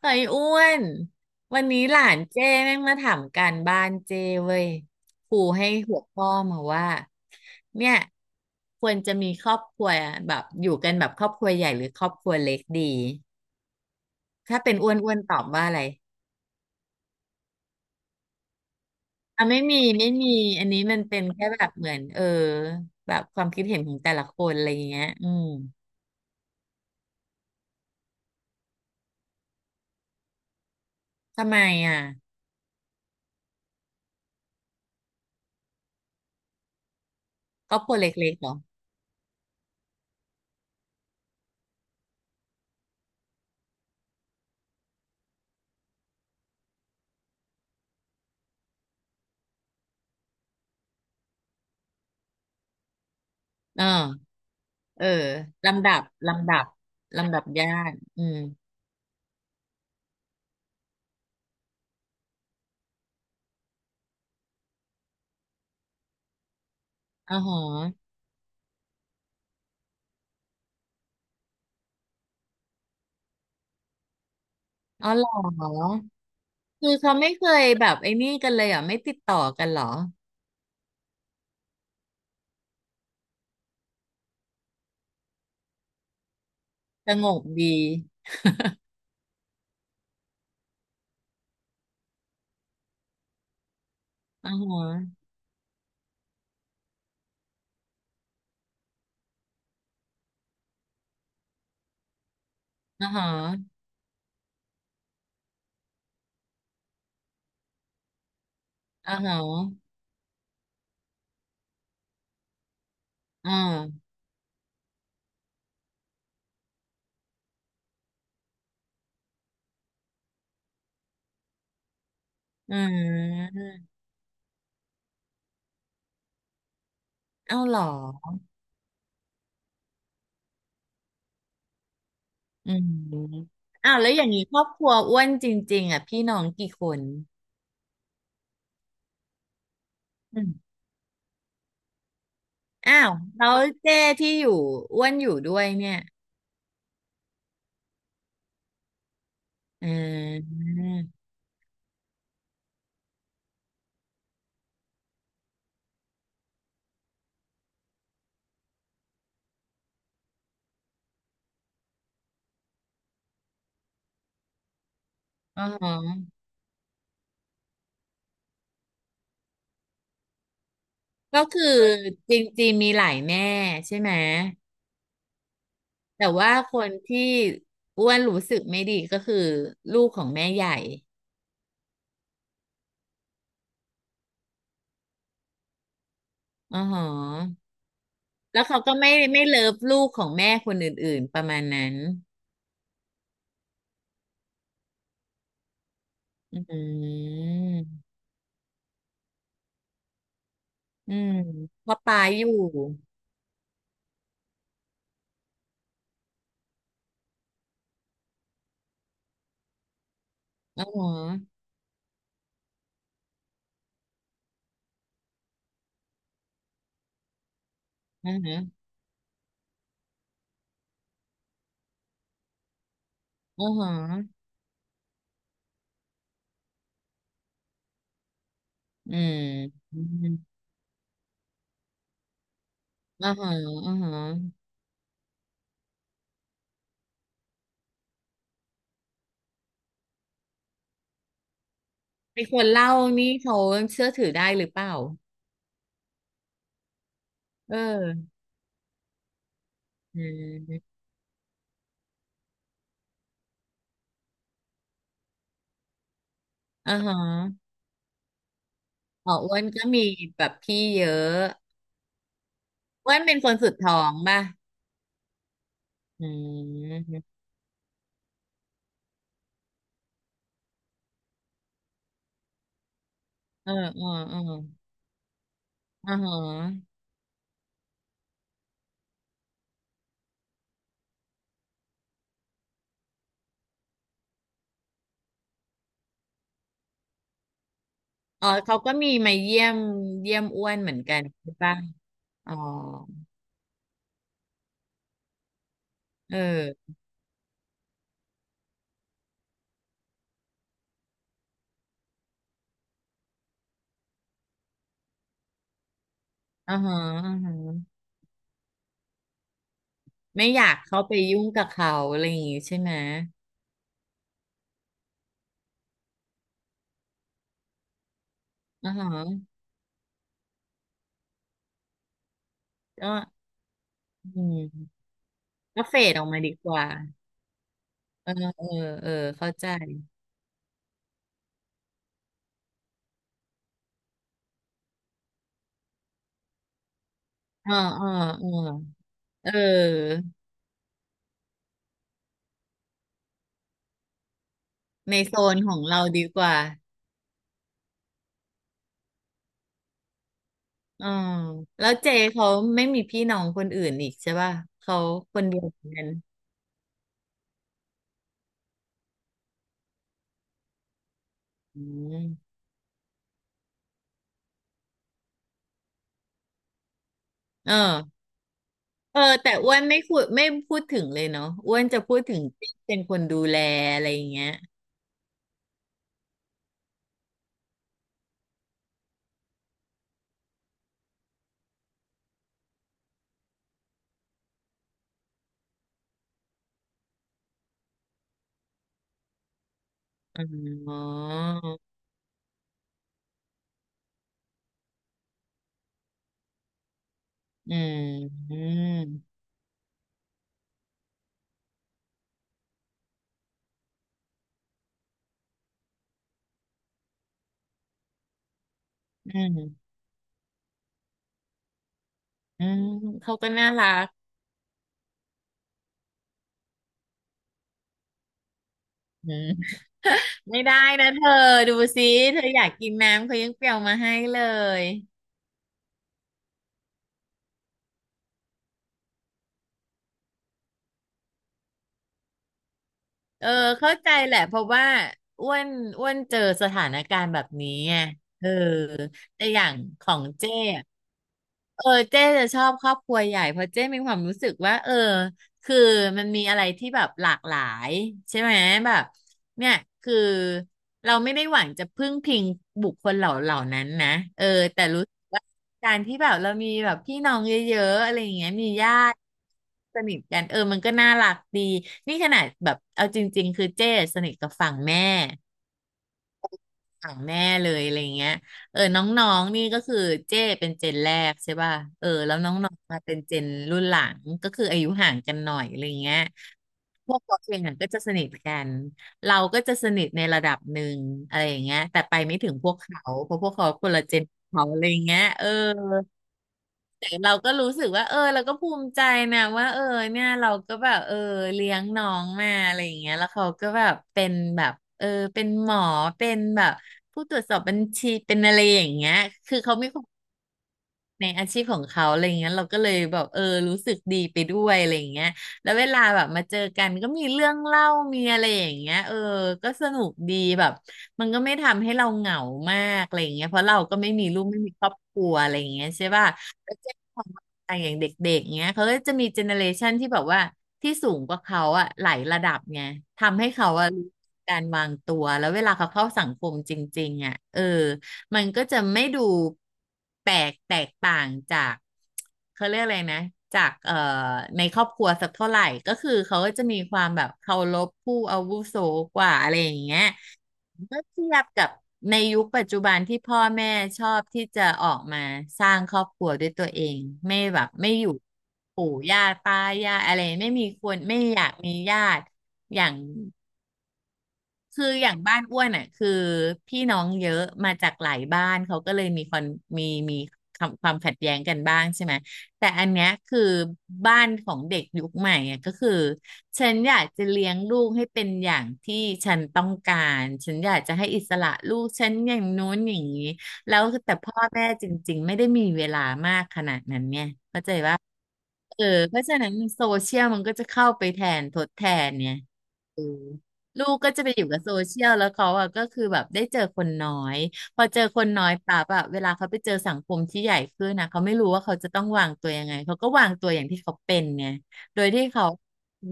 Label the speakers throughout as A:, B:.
A: เฮ้ยอ้วน วันนี้หลานเจ้แม่งมาถามการบ้านเจ้เว้ยครูให้หัวข้อมาว่าเนี่ยควรจะมีครอบครัวแบบอยู่กันแบบครอบครัวใหญ่หรือครอบครัวเล็กดีถ้าเป็นอ้วนอ้วนตอบว่าอะไรอ่ะไม่มีอันนี้มันเป็นแค่แบบเหมือนแบบความคิดเห็นของแต่ละคนอะไรอย่างเงี้ยอืมทำไมอ่ะครอบครัวเล็กๆเหรอเออเออลำดับลำดับลำดับญาติอืมอ๋อ อ๋อเหรอคือเขาไม่เคยแบบไอ้นี่กันเลยเหรอ่ะไม่ติดต่อกันเหรอสงบดีอ่าฮะอ่าฮะอ่าฮะอ่าอืมเอ้าเหรออืมอ้าวแล้วอย่างนี้ครอบครัวอ้วนจริงๆอ่ะพี่น้องกี่คนอืมอ้าวแล้วเจ้ที่อยู่อ้วนอยู่ด้วยเนี่ยอ่าอ๋อก็คือจริงๆมีหลายแม่ใช่ไหม แต่ว่าคนที่อ้วนรู้สึกไม่ดีก็คือลูกของแม่ใหญ่อ๋อหอแล้วเขาก็ไม่เลิฟลูกของแม่คนอื่นๆประมาณนั้นอืมอืมเพราะปาอยู่อ๋อหออ๋อหออ๋อหออืมอืมอ๋อหออ๋อหอไอคนเล่านี่เขาเชื่อถือได้หรือเปล่าเอออืมอ๋อหออ๋ออ้วนก็มีแบบพี่เยอะ อ้วนเป็นคนสุดท้องป่ะ อืมเออเออเอออ่าฮะอ๋อเขาก็มีมาเยี่ยมอ้วนเหมือนกันใช่ปะอ๋อเอออ่าฮะอ่าฮะไม่อยากเข้าไปยุ่งกับเขาอะไรอย่างงี้ใช่ไหมอ่าฮะก็อืมก็เฟดออกมาดีกว่าเออเออเออเข้าใจเออเออเออเออในโซนของเราดีกว่าอ๋อแล้วเจเขาไม่มีพี่น้องคนอื่นอีกใช่ป่ะ เขาคนเดียวเหมือนกันอืม เออเออ แต่อ้วนไม่พูดถึงเลยเนาะอ้วนจะพูดถึงที่เป็นคนดูแลอะไรอย่างเงี้ยอ๋ออืม อืม อืมอืมเขาก็น่ารักอืมไม่ได้นะเธอ ดูสิ เธออยากกินน้ำเขายังเปรียวมาให้เลย เออเข้าใจแหละเพราะว่าอ้วนอ้วนเจอสถานการณ์แบบนี้ไงเออแต่อย่างของเจ้อะเออเจ๊จะชอบครอบครัวใหญ่เพราะเจ๊มีความรู้สึกว่าเออคือมันมีอะไรที่แบบหลากหลายใช่ไหมแบบเนี่ยคือเราไม่ได้หวังจะพึ่งพิงบุคคลเหล่านั้นนะเออแต่รู้สึกว่า การที่แบบเรามีแบบพี่น้องเยอะๆอะไรอย่างเงี้ยมีญาติสนิทกันเออมันก็น่ารักดีนี่ขนาดแบบเอาจริงๆคือเจ้สนิทกับฝั่งแม่เลยอะไรอย่างเงี้ยเออน้องๆนี่ก็คือเจ้เป็นเจนแรกใช่ป่ะเออแล้วน้องๆมาเป็นเจนรุ่นหลังก็คืออายุห่างกันหน่อยอะไรอย่างเงี้ยพวกเราเองอะก็จะสนิทกันเราก็จะสนิทในระดับหนึ่งอะไรอย่างเงี้ยแต่ไปไม่ถึงพวกเขาเพราะพวกเขาคนละเจนเขาอะไรอย่างเงี้ยเออ แต่เราก็รู้สึกว่าเออเราก็ภูมิใจนะว่าเออเนี่ยเราก็แบบเออเลี้ยงน้องมาอะไรอย่างเงี้ยแล้วเขาก็แบบเป็นแบบเออเป็นหมอเป็นแบบผู้ตรวจสอบบัญชีเป็นอะไรอย่างเงี้ยคือเขามีความ ในอาชีพของเขาอะไรเงี้ยเราก็เลยแบบเออรู้สึกดีไปด้วยอะไรเงี้ยแล้วเวลาแบบมาเจอกันก็มีเรื่องเล่ามีอะไรอย่างเงี้ยเออก็สนุกดีแบบมันก็ไม่ทำให้เราเหงามากอะไรเงี้ยเพราะเราก็ไม่มีลูกไม่มีครอบครัวอะไรเงี้ยใช่ป่ะแล้วเจ้าขอต่างอย่างเด็กๆเงี้ยเขาก็จะมีเจเนอเรชันที่แบบว่าที่สูงกว่าเขาอะหลายระดับไงทำให้เขาอะรู้การวางตัวแล้วเวลาเขาเข้าสังคมจริงๆอะเออ มันก็จะไม่ดูแปลกแตกต่างจากเขาเรียกอะไรนะจากในครอบครัวสักเท่าไหร่ก็คือเขาก็จะมีความแบบเคารพผู้อาวุโสกว่าอะไรอย่างเงี้ยเมื่อเทียบกับในยุคปัจจุบันที่พ่อแม่ชอบที่จะออกมาสร้างครอบครัวด้วยตัวเองไม่แบบไม่อยู่ปู่ย่าตายายอะไรไม่มีคนไม่อยากมีญาติอย่าง คืออย่างบ้านอ้วนอ่ะคือพี่น้องเยอะมาจากหลายบ้านเขาก็เลยมีคอนมีมีความขัดแย้งกันบ้างใช่ไหมแต่อันเนี้ยคือบ้านของเด็กยุคใหม่อ่ะก็คือฉันอยากจะเลี้ยงลูกให้เป็นอย่างที่ฉันต้องการฉันอยากจะให้อิสระลูกฉันอย่างนู้นอย่างนี้แล้วแต่พ่อแม่จริงๆไม่ได้มีเวลามากขนาดนั้นเนี่ยเข้าใจว่าเออเพราะฉะนั้นโซเชียลมันก็จะเข้าไปแทนทดแทนเนี่ย เออลูกก็จะไปอยู่กับโซเชียลแล้วเขาอะก็คือแบบได้เจอคนน้อยพอเจอคนน้อยปั๊บอะเวลาเขาไปเจอสังคมที่ใหญ่ขึ้นนะเขาไม่รู้ว่าเขาจะต้องวางตัวยังไงเขาก็วางตัวอย่างที่เขาเป็นไงโดยที่เขา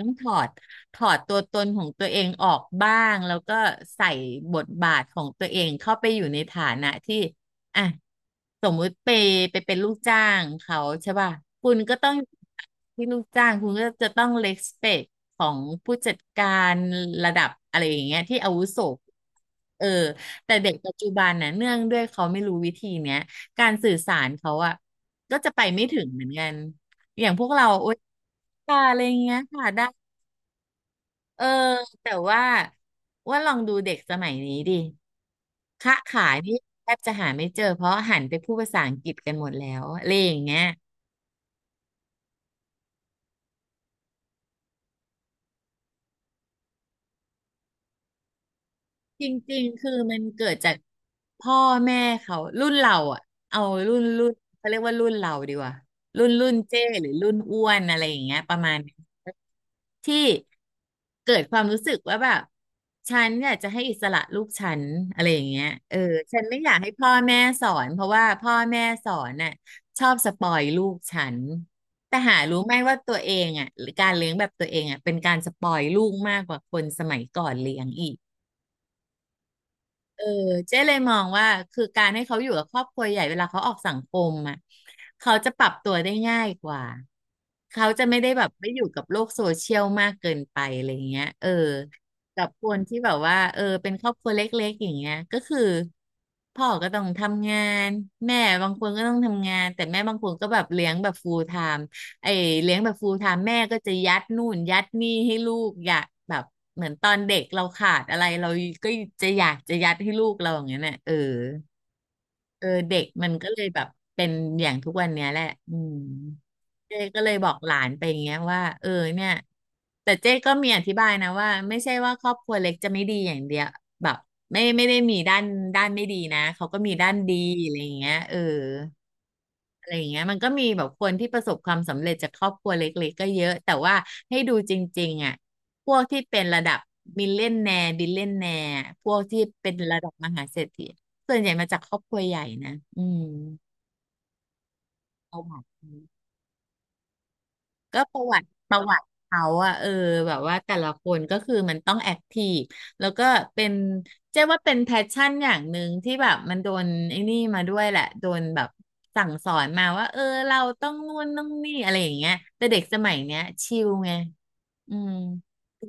A: ต้องถอดตัวตนของตัวเองออกบ้างแล้วก็ใส่บทบาทของตัวเองเข้าไปอยู่ในฐานะที่ อ่ะสมมุติไปเป็นลูกจ้างเขาใช่ป่ะคุณก็ต้องที่ลูกจ้างคุณก็จะต้องเล p สเปคของผู้จัดการระดับอะไรอย่างเงี้ยที่อาวุโสเออแต่เด็กปัจจุบันน่ะเนื่องด้วยเขาไม่รู้วิธีเนี้ยการสื่อสารเขาอ่ะก็จะไปไม่ถึงเหมือนกันอย่างพวกเราโอ๊ยค่ะอะไรอย่างเงี้ยค่ะได้เออแต่ว่าลองดูเด็กสมัยนี้ดิ ค้าขายนี่แทบจะหาไม่เจอเพราะหันไปพูดภาษาอังกฤษกันหมดแล้วอะไรอย่างเงี้ย จริงๆคือมันเกิดจากพ่อแม่เขารุ่นเราอ่ะเอารุ่นเขาเรียกว่ารุ่นเราดีกว่ารุ่นเจ้หรือรุ่นอ้วนอะไรอย่างเงี้ยประมาณนี้ที่เกิดความรู้สึกว่าแบบฉันอยากจะให้อิสระลูกฉันอะไรอย่างเงี้ยเออฉันไม่อยากให้พ่อแม่สอนเพราะว่าพ่อแม่สอนน่ะชอบสปอยลูกฉันแต่หารู้ไหมว่าตัวเองอ่ะหรือการเลี้ยงแบบตัวเองอ่ะเป็นการสปอยลูกมากกว่าคนสมัยก่อนเลี้ยงอีก เออเจ๊เลยมองว่าคือการให้เขาอยู่กับครอบครัวใหญ่เวลาเขาออกสังคมอ่ะเขาจะปรับตัวได้ง่ายกว่าเขาจะไม่ได้แบบไม่อยู่กับโลกโซเชียลมากเกินไปอะไรเงี้ยเออกับคนที่แบบว่าเออเป็นครอบครัวเล็กๆอย่างเงี้ยก็คือพ่อก็ต้องทำงานแม่บางคนก็ต้องทำงานแต่แม่บางคนก็แบบเลี้ยงแบบ full time ไอ้เลี้ยงแบบ full time แม่ก็จะยัดนู่นยัดนี่ให้ลูกอยากแบบเหมือนตอนเด็กเราขาดอะไรเราก็จะอยากจะยัดให้ลูกเราอย่างเงี้ยเนี่ยเออเออเด็กมันก็เลยแบบเป็นอย่างทุกวันเนี้ยแหละอืมเจ๊ก็เลยบอกหลานไปอย่างเงี้ยว่าเออเนี่ยแต่เจ๊ก็มีอธิบายนะว่าไม่ใช่ว่าครอบครัวเล็กจะไม่ดีอย่างเดียวแบบไม่ได้มีด้านไม่ดีนะเขาก็มีด้านดีอะไรอย่างเงี้ยเออ อะไรอย่างเงี้ยมันก็มีแบบคนที่ประสบความสำเร็จจากครอบครัวเล็กๆก็เยอะแต่ว่าให้ดูจริงๆอ่ะพวกที่เป็นระดับมิลเลนแนร์บิลเลนแนร์พวกที่เป็นระดับมหาเศรษฐีส่วนใหญ่มาจากครอบครัวใหญ่นะอืมประวัติ ก็ประวัติเขาอะเออแบบว่าแต่ละคนก็คือมันต้องแอคทีฟแล้วก็เป็นเจ๊ว่าเป็นแพชชั่นอย่างหนึ่งที่แบบมันโดนไอ้นี่มาด้วยแหละโดนแบบสั่งสอนมาว่าเออเราต้องนู่นต้องนี่อะไรอย่างเงี้ยแต่เด็กสมัยเนี้ยชิลไงอืม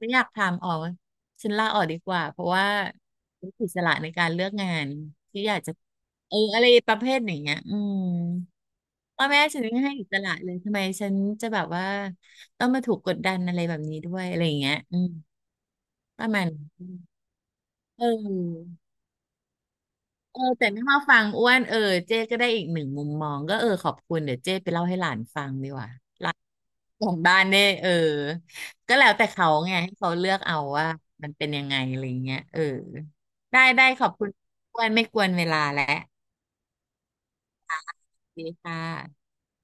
A: ไม่อยากทำออกฉันลาออกดีกว่าเพราะว่ารู้อิสระในการเลือกงานที่อยากจะเอออะไรประเภทอย่างเงี้ยอืม พ่อแม่ฉันไม่ให้อิสระเลยทำไมฉันจะแบบว่าต้องมาถูกกดดันอะไรแบบนี้ด้วยอะไรอย่างเงี้ยอืมประมาณนั้นเออเออแต่ไม่มาฟังอ้วนเออเจ๊ก็ได้อีกหนึ่งมุมมองก็เออขอบคุณเดี๋ยวเจ๊ไปเล่าให้หลานฟังดีกว่าของบ้านเนี่ยเออก็แล้วแต่เขาไงให้เขาเลือกเอาว่ามันเป็นยังไงอะไรอย่างเงี้ยเออได้ได้ขอบคุณอ้วนไม่กวนเวลาแล้วดีค่ะ